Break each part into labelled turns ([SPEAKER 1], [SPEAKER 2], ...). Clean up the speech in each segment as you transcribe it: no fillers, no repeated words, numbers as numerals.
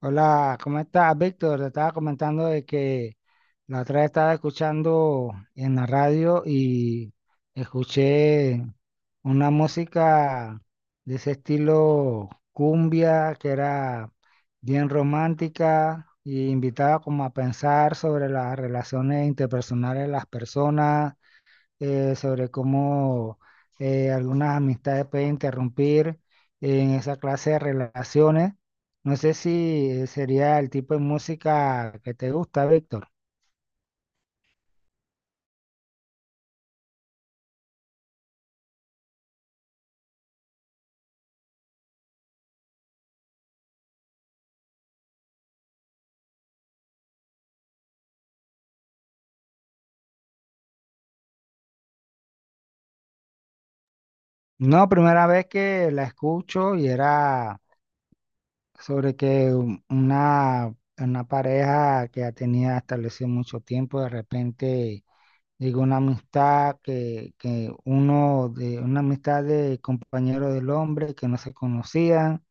[SPEAKER 1] Hola, ¿cómo estás, Víctor? Te estaba comentando de que la otra vez estaba escuchando en la radio y escuché una música de ese estilo cumbia que era bien romántica y invitaba como a pensar sobre las relaciones interpersonales de las personas, sobre cómo algunas amistades pueden interrumpir en esa clase de relaciones. No sé si sería el tipo de música que te gusta, Víctor. No, primera vez que la escucho y era sobre que una pareja que ya tenía establecido mucho tiempo, de repente llegó una amistad que uno de una amistad de compañero del hombre que no se conocían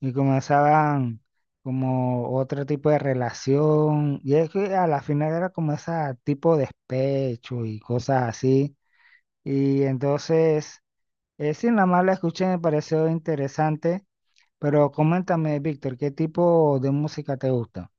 [SPEAKER 1] y comenzaban como otro tipo de relación, y es que a la final era como ese tipo de despecho y cosas así, y entonces, sí, nada más la escuché, me pareció interesante, pero coméntame, Víctor, ¿qué tipo de música te gusta?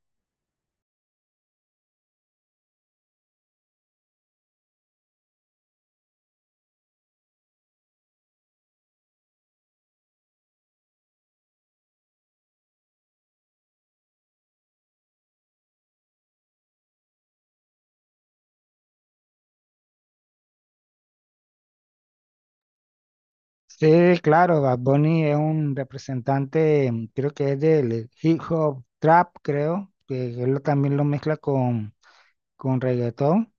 [SPEAKER 1] Sí, claro, Bad Bunny es un representante, mm, creo que es del hip hop trap, creo, que también lo mezcla con reggaetón.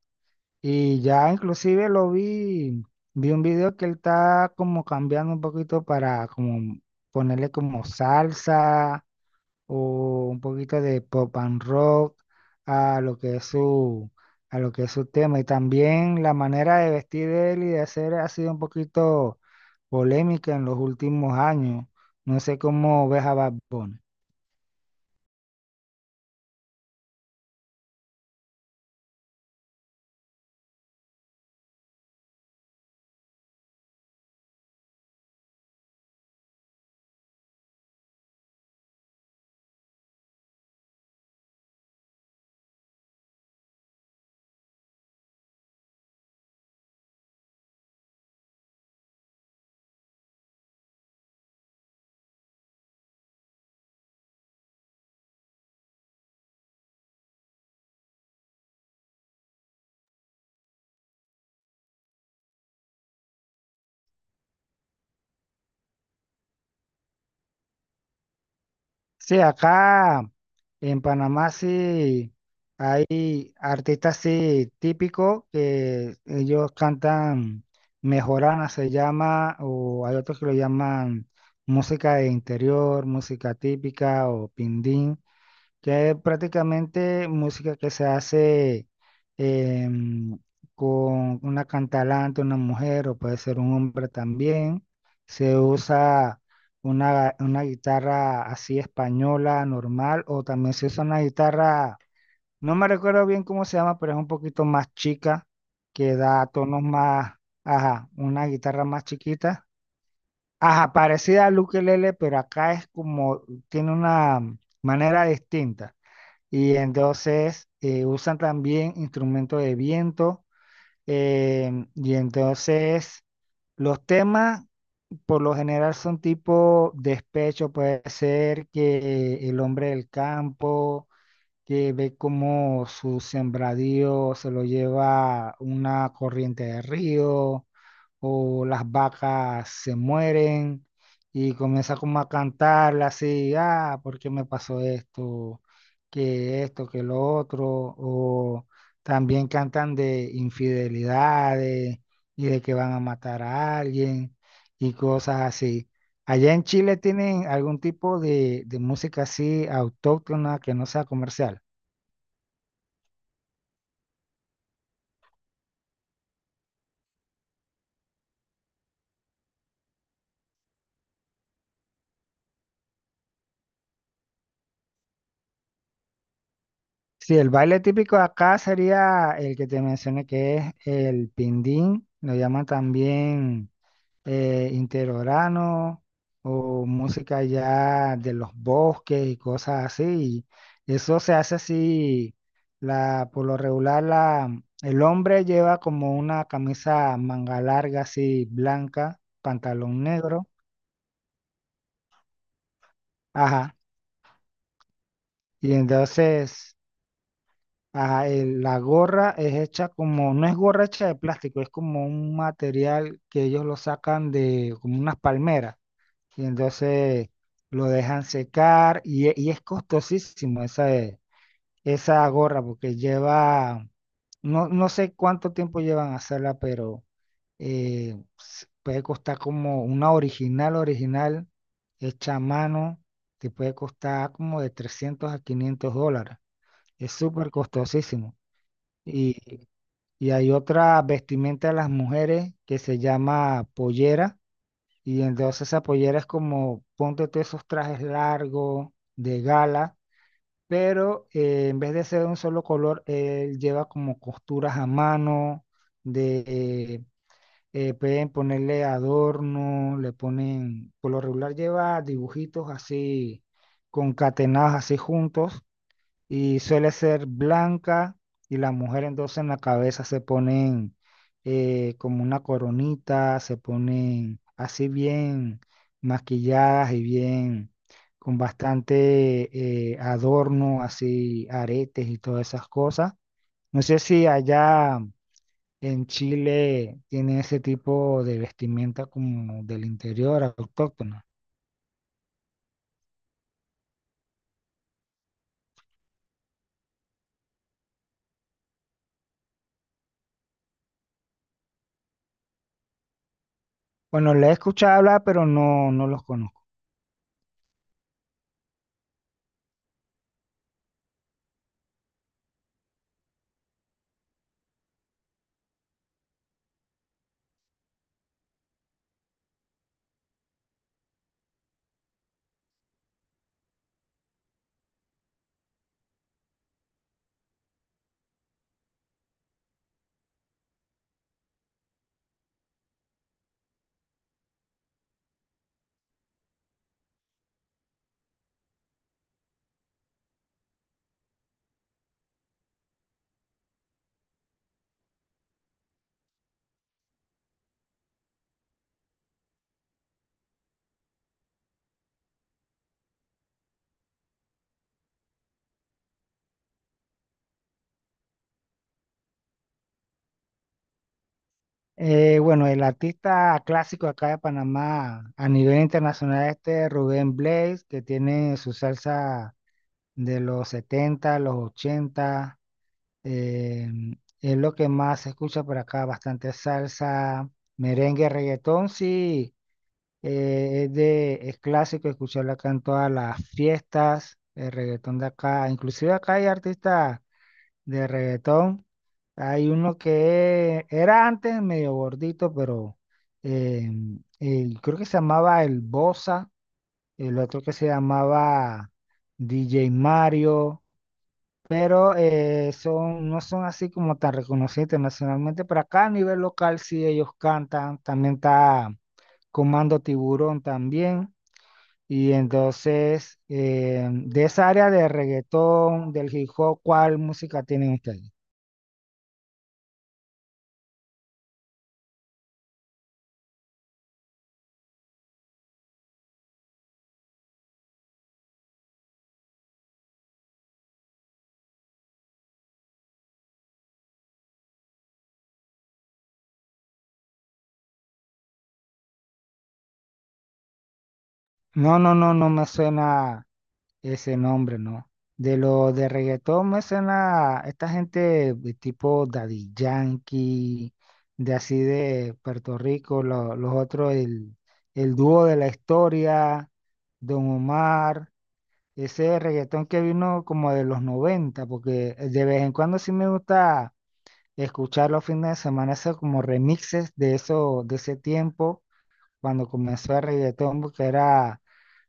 [SPEAKER 1] Y ya inclusive lo vi, vi un video que él está como cambiando un poquito para como ponerle como salsa o un poquito de pop and rock a lo que es a lo que es su tema. Y también la manera de vestir de él y de hacer ha sido un poquito polémica en los últimos años. No sé cómo ves a Bad Bunny. Sí, acá. En Panamá sí hay artistas sí típicos que ellos cantan, mejorana se llama, o hay otros que lo llaman música de interior, música típica o pindín, que es prácticamente música que se hace, em, con una cantalante, una mujer o puede ser un hombre también. Se usa una guitarra así española, normal, o también se usa una guitarra, no me recuerdo bien cómo se llama, pero es un poquito más chica, que da tonos más, ajá, una guitarra más chiquita. Ajá, parecida al ukelele, pero acá es como, tiene una manera distinta. Y entonces usan también instrumentos de viento. Y entonces los temas por lo general son tipo despecho, puede ser que el hombre del campo, que ve cómo su sembradío se lo lleva una corriente de río o las vacas se mueren y comienza como a cantarle así, ah, ¿por qué me pasó esto? Que esto, que lo otro, o también cantan de infidelidades y de que van a matar a alguien y cosas así. ¿Allá en Chile tienen algún tipo de música así autóctona que no sea comercial? Sí, el baile típico de acá sería el que te mencioné, que es el pindín, lo llaman también interorano o música ya de los bosques y cosas así. Y eso se hace así, por lo regular el hombre lleva como una camisa manga larga así blanca, pantalón negro, ajá, y entonces ajá, la gorra es hecha como, no es gorra hecha de plástico, es como un material que ellos lo sacan de como unas palmeras y entonces lo dejan secar, y es costosísimo esa, esa gorra porque lleva, no, no sé cuánto tiempo llevan a hacerla, pero puede costar como una original, original, hecha a mano, te puede costar como de 300 a 500 dólares. Es súper costosísimo. Y, y hay otra vestimenta de las mujeres que se llama pollera. Y entonces esa pollera es como, ponte tú esos trajes largos de gala, pero en vez de ser de un solo color, él lleva como costuras a mano, de pueden ponerle adorno, le ponen, por lo regular lleva dibujitos así, concatenados así juntos, y suele ser blanca, y la mujer entonces en la cabeza se ponen como una coronita, se ponen así bien maquilladas y bien con bastante adorno, así aretes y todas esas cosas. No sé si allá en Chile tienen ese tipo de vestimenta como del interior autóctona. Bueno, le he escuchado hablar, pero no, no los conozco. Bueno, el artista clásico acá de Panamá a nivel internacional este Rubén Blades, que tiene su salsa de los 70, los 80, eh, es lo que más se escucha por acá, bastante salsa, merengue, reggaetón, sí, es clásico escucharlo acá en todas las fiestas, el reggaetón de acá, inclusive acá hay artistas de reggaetón. Hay uno que era antes medio gordito, pero eh, creo que se llamaba el Bosa, el otro que se llamaba DJ Mario, pero son, no son así como tan reconocidos internacionalmente, pero acá a nivel local sí ellos cantan, también está Comando Tiburón también. Y entonces, de esa área de reggaetón, del hip hop, ¿cuál música tienen ustedes? No, no, no, no me suena ese nombre, no. De lo de reggaetón me suena esta gente de tipo Daddy Yankee, de así de Puerto Rico, los otros, el dúo de la historia, Don Omar, ese reggaetón que vino como de los 90, porque de vez en cuando sí me gusta escuchar los fines de semana, esos como remixes de eso, de ese tiempo, cuando comenzó el reggaetón, porque era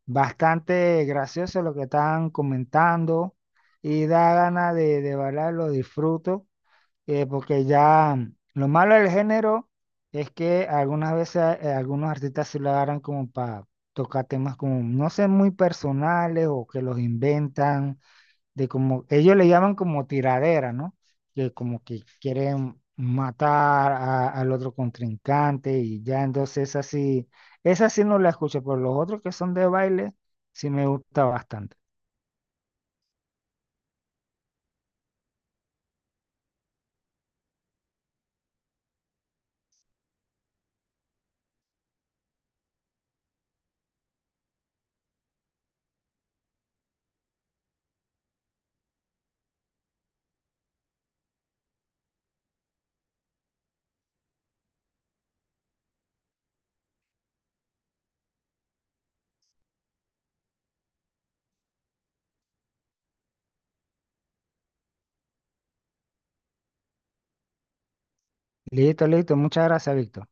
[SPEAKER 1] bastante gracioso lo que están comentando y da ganas de bailar, lo disfruto, porque ya mm, lo malo del género es que algunas veces algunos artistas se lo agarran como para tocar temas como, no sé, muy personales o que los inventan de como ellos le llaman como tiradera, ¿no? Que como que quieren al otro contrincante y ya entonces esa sí no la escucho, pero los otros que son de baile sí me gusta bastante. Listo, listo, muchas gracias, Víctor.